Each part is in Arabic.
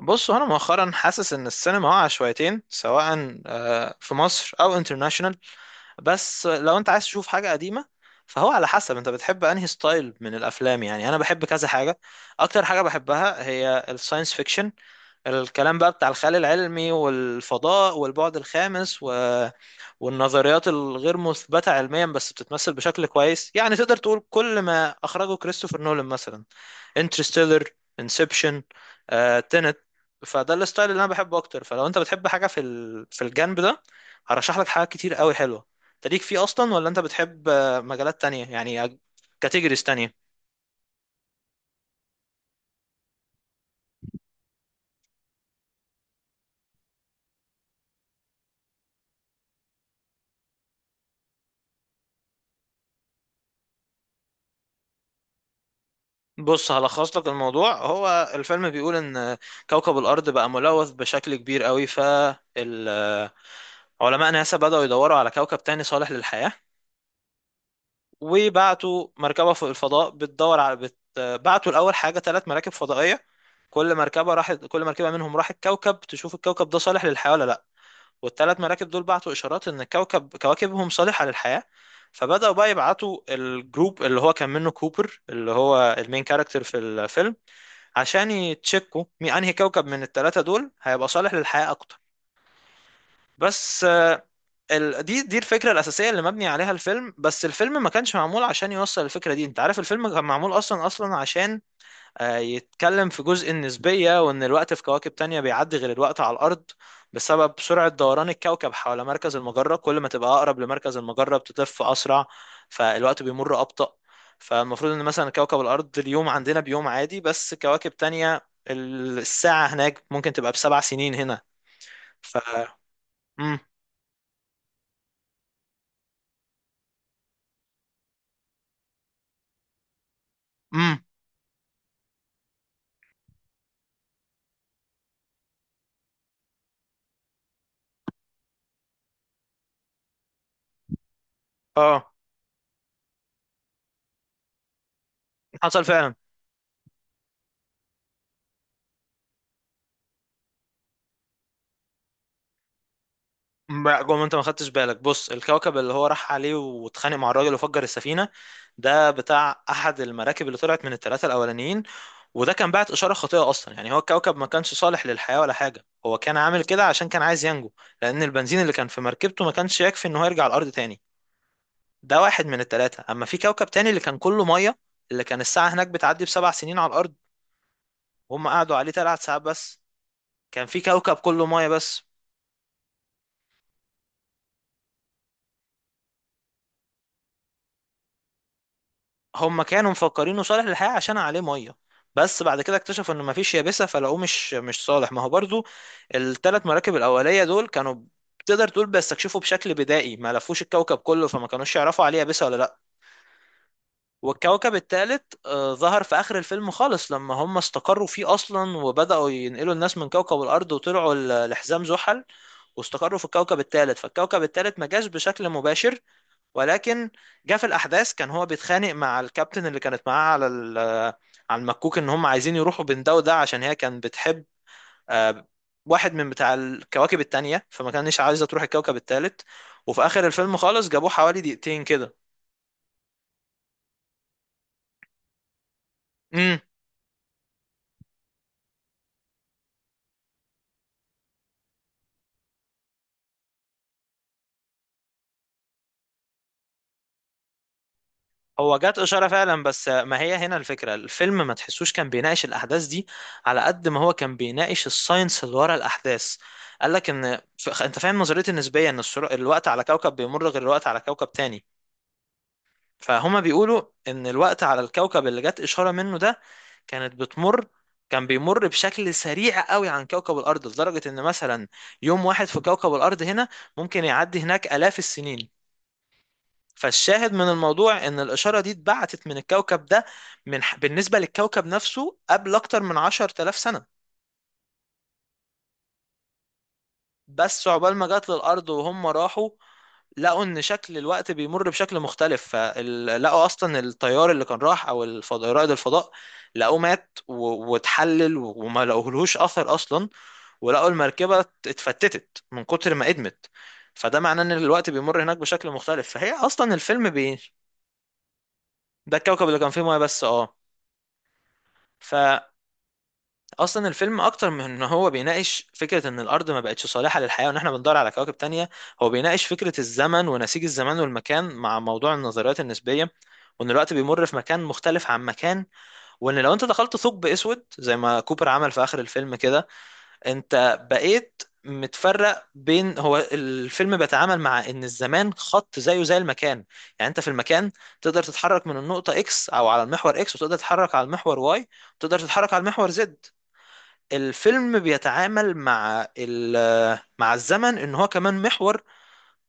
بص، انا مؤخرا حاسس ان السينما واقعه شويتين سواء في مصر او انترناشونال. بس لو انت عايز تشوف حاجه قديمه، فهو على حسب انت بتحب انهي ستايل من الافلام. يعني انا بحب كذا حاجه. اكتر حاجه بحبها هي الساينس فيكشن. الكلام بقى بتاع الخيال العلمي والفضاء والبعد الخامس والنظريات الغير مثبته علميا بس بتتمثل بشكل كويس. يعني تقدر تقول كل ما اخرجه كريستوفر نولان مثلا: انترستيلر، انسبشن، تنت. فده الستايل اللي انا بحبه اكتر. فلو انت بتحب حاجه في في الجنب ده، هرشح لك حاجات كتير قوي حلوه. انت ليك فيه اصلا ولا انت بتحب مجالات تانية؟ يعني كاتيجوريز تانية. بص هلخص لك الموضوع. هو الفيلم بيقول ان كوكب الارض بقى ملوث بشكل كبير قوي، فعلماء ناسا بدأوا يدوروا على كوكب تاني صالح للحياه. وبعتوا مركبه فوق الفضاء بتدور على بعتوا الاول حاجه ثلاث مراكب فضائيه. كل مركبة منهم راحت كوكب تشوف الكوكب ده صالح للحياة ولا لا. والثلاث مراكب دول بعتوا إشارات إن كواكبهم صالحة للحياة. فبدأوا بقى يبعتوا الجروب اللي هو كان منه كوبر، اللي هو المين كاركتر في الفيلم، عشان يتشكوا مين أنهي كوكب من الثلاثة دول هيبقى صالح للحياة أكتر. بس دي الفكرة الأساسية اللي مبني عليها الفيلم. بس الفيلم ما كانش معمول عشان يوصل الفكرة دي. أنت عارف الفيلم كان معمول أصلا عشان يتكلم في جزء النسبية، وإن الوقت في كواكب تانية بيعدي غير الوقت على الأرض بسبب سرعة دوران الكوكب حول مركز المجرة. كل ما تبقى أقرب لمركز المجرة بتلف أسرع، فالوقت بيمر أبطأ. فالمفروض إن مثلا كوكب الأرض اليوم عندنا بيوم عادي، بس كواكب تانية الساعة هناك ممكن تبقى بسبع سنين هنا. ف مم. مم. اه، حصل فعلا. لا، جوه، ما انت ما خدتش بالك. بص الكوكب اللي هو راح عليه واتخانق مع الراجل وفجر السفينه، ده بتاع احد المراكب اللي طلعت من الثلاثه الاولانيين. وده كان بعت اشاره خاطئه اصلا. يعني هو الكوكب ما كانش صالح للحياه ولا حاجه، هو كان عامل كده عشان كان عايز ينجو، لان البنزين اللي كان في مركبته ما كانش يكفي ان هو يرجع الارض تاني. ده واحد من الثلاثه. اما في كوكب تاني اللي كان كله ميه، اللي كان الساعه هناك بتعدي بسبع سنين على الارض، وهم قعدوا عليه ثلاث ساعات بس. كان في كوكب كله ميه بس. هم كانوا مفكرينه صالح للحياة عشان عليه ميه، بس بعد كده اكتشفوا انه مفيش يابسة، فلقوه مش صالح. ما هو برضو الثلاث مراكب الأولية دول كانوا، تقدر تقول، بيستكشفوا بشكل بدائي، ما لفوش الكوكب كله، فما كانوش يعرفوا عليه يابسة ولا لا. والكوكب الثالث ظهر في آخر الفيلم خالص لما هم استقروا فيه أصلا، وبدأوا ينقلوا الناس من كوكب الأرض وطلعوا لحزام زحل، واستقروا في الكوكب الثالث. فالكوكب الثالث ما جاش بشكل مباشر، ولكن جه في الاحداث. كان هو بيتخانق مع الكابتن اللي كانت معاه على المكوك ان هم عايزين يروحوا بين ده وده، عشان هي كانت بتحب آه، واحد من بتاع الكواكب التانية، فما كانش عايزة تروح الكوكب التالت. وفي اخر الفيلم خالص جابوه حوالي دقيقتين كده. امم. هو جات إشارة فعلا، بس ما هي هنا الفكرة. الفيلم ما تحسوش كان بيناقش الأحداث دي على قد ما هو كان بيناقش الساينس اللي ورا الأحداث. قال لك إن أنت فاهم نظرية النسبية، إن الوقت على كوكب بيمر غير الوقت على كوكب تاني. فهما بيقولوا ان الوقت على الكوكب اللي جت اشاره منه ده كانت بتمر، كان بيمر بشكل سريع قوي عن كوكب الارض، لدرجه ان مثلا يوم واحد في كوكب الارض هنا ممكن يعدي هناك الاف السنين. فالشاهد من الموضوع ان الاشاره دي اتبعتت من الكوكب ده، من بالنسبه للكوكب نفسه قبل اكتر من 10000 سنه. بس عقبال ما جت للأرض وهم راحوا، لقوا إن شكل الوقت بيمر بشكل مختلف. فلقوا أصلا الطيار اللي كان راح، أو الفضاء رائد الفضاء، لقوه مات واتحلل وما لقوهلوش أثر أصلا. ولقوا المركبة اتفتتت من كتر ما ادمت. فده معناه إن الوقت بيمر هناك بشكل مختلف. فهي أصلا الفيلم. ده الكوكب اللي كان فيه ميه بس. اه. اصلا الفيلم اكتر من ان هو بيناقش فكره ان الارض ما بقتش صالحه للحياه وان احنا بندور على كواكب تانية. هو بيناقش فكره الزمن ونسيج الزمان والمكان مع موضوع النظريات النسبيه، وان الوقت بيمر في مكان مختلف عن مكان، وان لو انت دخلت ثقب اسود زي ما كوبر عمل في اخر الفيلم كده، انت بقيت متفرق. بين هو الفيلم بيتعامل مع ان الزمان خط زيه زي المكان. يعني انت في المكان تقدر تتحرك من النقطة اكس، او على المحور اكس، وتقدر تتحرك على المحور واي، وتقدر تتحرك على المحور Z. الفيلم بيتعامل مع الزمن ان هو كمان محور،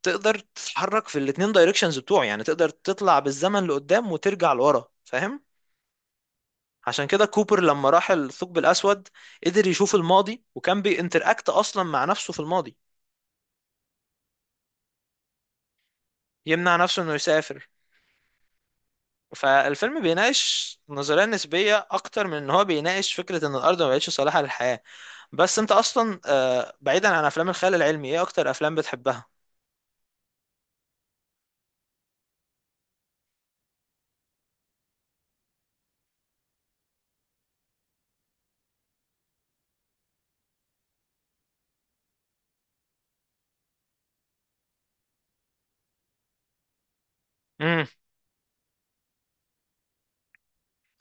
تقدر تتحرك في الاتنين دايركشنز بتوعه. يعني تقدر تطلع بالزمن لقدام وترجع لورا، فاهم؟ عشان كده كوبر لما راح الثقب الاسود قدر يشوف الماضي، وكان بينتراكت اصلا مع نفسه في الماضي، يمنع نفسه انه يسافر. فالفيلم بيناقش نظرية نسبية أكتر من إن هو بيناقش فكرة إن الأرض ما بقتش صالحة للحياة. بس أنت أصلا، بعيدا عن أفلام الخيال العلمي، إيه أكتر أفلام بتحبها؟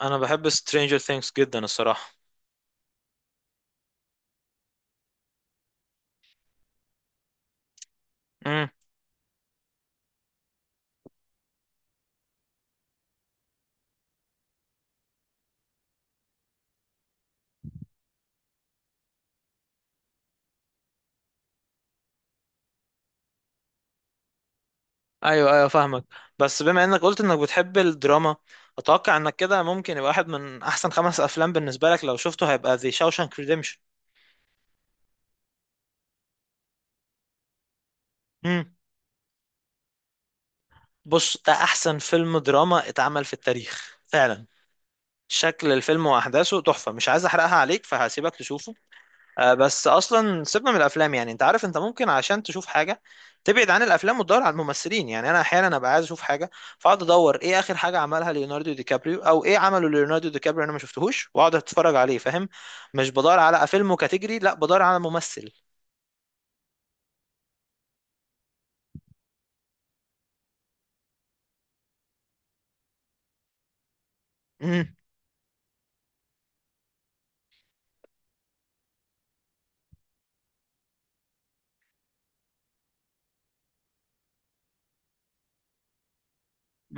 انا بحب Stranger Things جدا الصراحة. امم. ايوه ايوه، فاهمك. بس بما انك قلت انك بتحب الدراما، اتوقع انك كده ممكن يبقى واحد من احسن خمس افلام بالنسبة لك لو شفته هيبقى The Shawshank Redemption. امم. بص ده احسن فيلم دراما اتعمل في التاريخ فعلا. شكل الفيلم واحداثه تحفة، مش عايز احرقها عليك فهسيبك تشوفه. بس اصلا سيبنا من الافلام. يعني انت عارف انت ممكن عشان تشوف حاجه تبعد عن الافلام وتدور على الممثلين. يعني انا احيانا ابقى عايز اشوف حاجه، فاقعد ادور ايه اخر حاجه عملها ليوناردو دي كابريو، او ايه عمله ليوناردو دي كابريو انا ما شفتهوش، واقعد اتفرج عليه. فاهم؟ مش بدور على فيلم كاتيجري، لا بدور على ممثل. امم.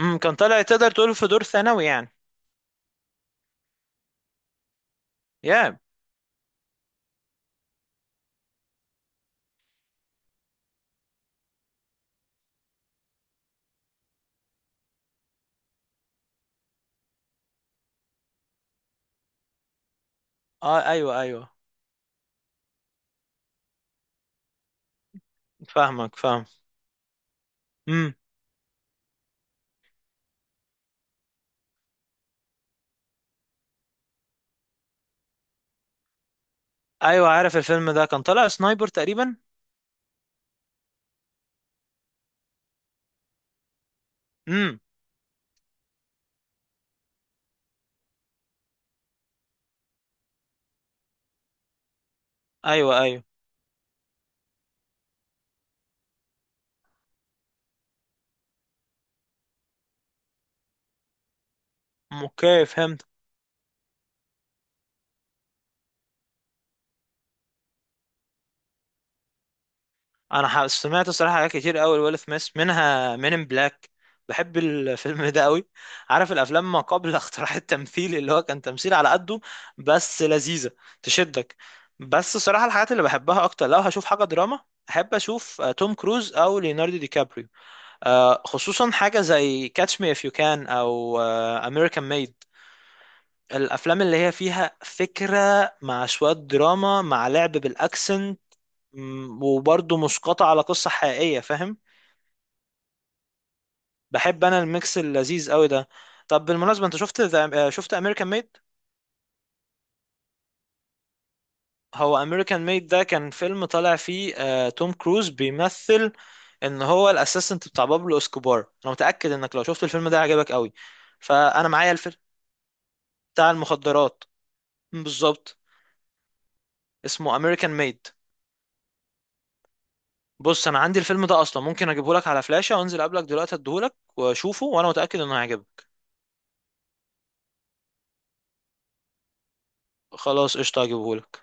امم. كان طالع، تقدر تقول، في دور ثانوي يعني. يا اه، ايوه ايوه، فاهمك فاهم. امم. ايوه، عارف الفيلم ده كان طالع سنايبر تقريبا. امم. ايوه ايوه، اوكي فهمت. انا سمعت الصراحه حاجات كتير قوي لويل سميث، منها مين ان بلاك. بحب الفيلم ده قوي. عارف الافلام ما قبل اختراع التمثيل اللي هو كان تمثيل على قده، بس لذيذه، تشدك. بس الصراحه الحاجات اللي بحبها اكتر لو هشوف حاجه دراما، احب اشوف توم كروز او ليوناردو دي كابريو. خصوصا حاجه زي كاتش مي اف يو كان او امريكان ميد. الافلام اللي هي فيها فكره مع شويه دراما مع لعب بالاكسنت، وبرضه مسقطة على قصة حقيقية. فاهم؟ بحب انا الميكس اللذيذ قوي ده. طب بالمناسبة انت شفت شفت امريكان ميد؟ هو امريكان ميد ده كان فيلم طالع فيه توم كروز بيمثل ان هو الاسيستنت بتاع بابلو اسكوبار. انا متأكد انك لو شفت الفيلم ده هيعجبك قوي. فانا معايا الفيلم بتاع المخدرات. مم، بالظبط. اسمه امريكان ميد. بص انا عندي الفيلم ده اصلا، ممكن اجيبهولك على فلاشة وانزل قبلك دلوقتي اديهولك واشوفه، وانا متأكد انه هيعجبك. خلاص، قشطة، هجيبهولك.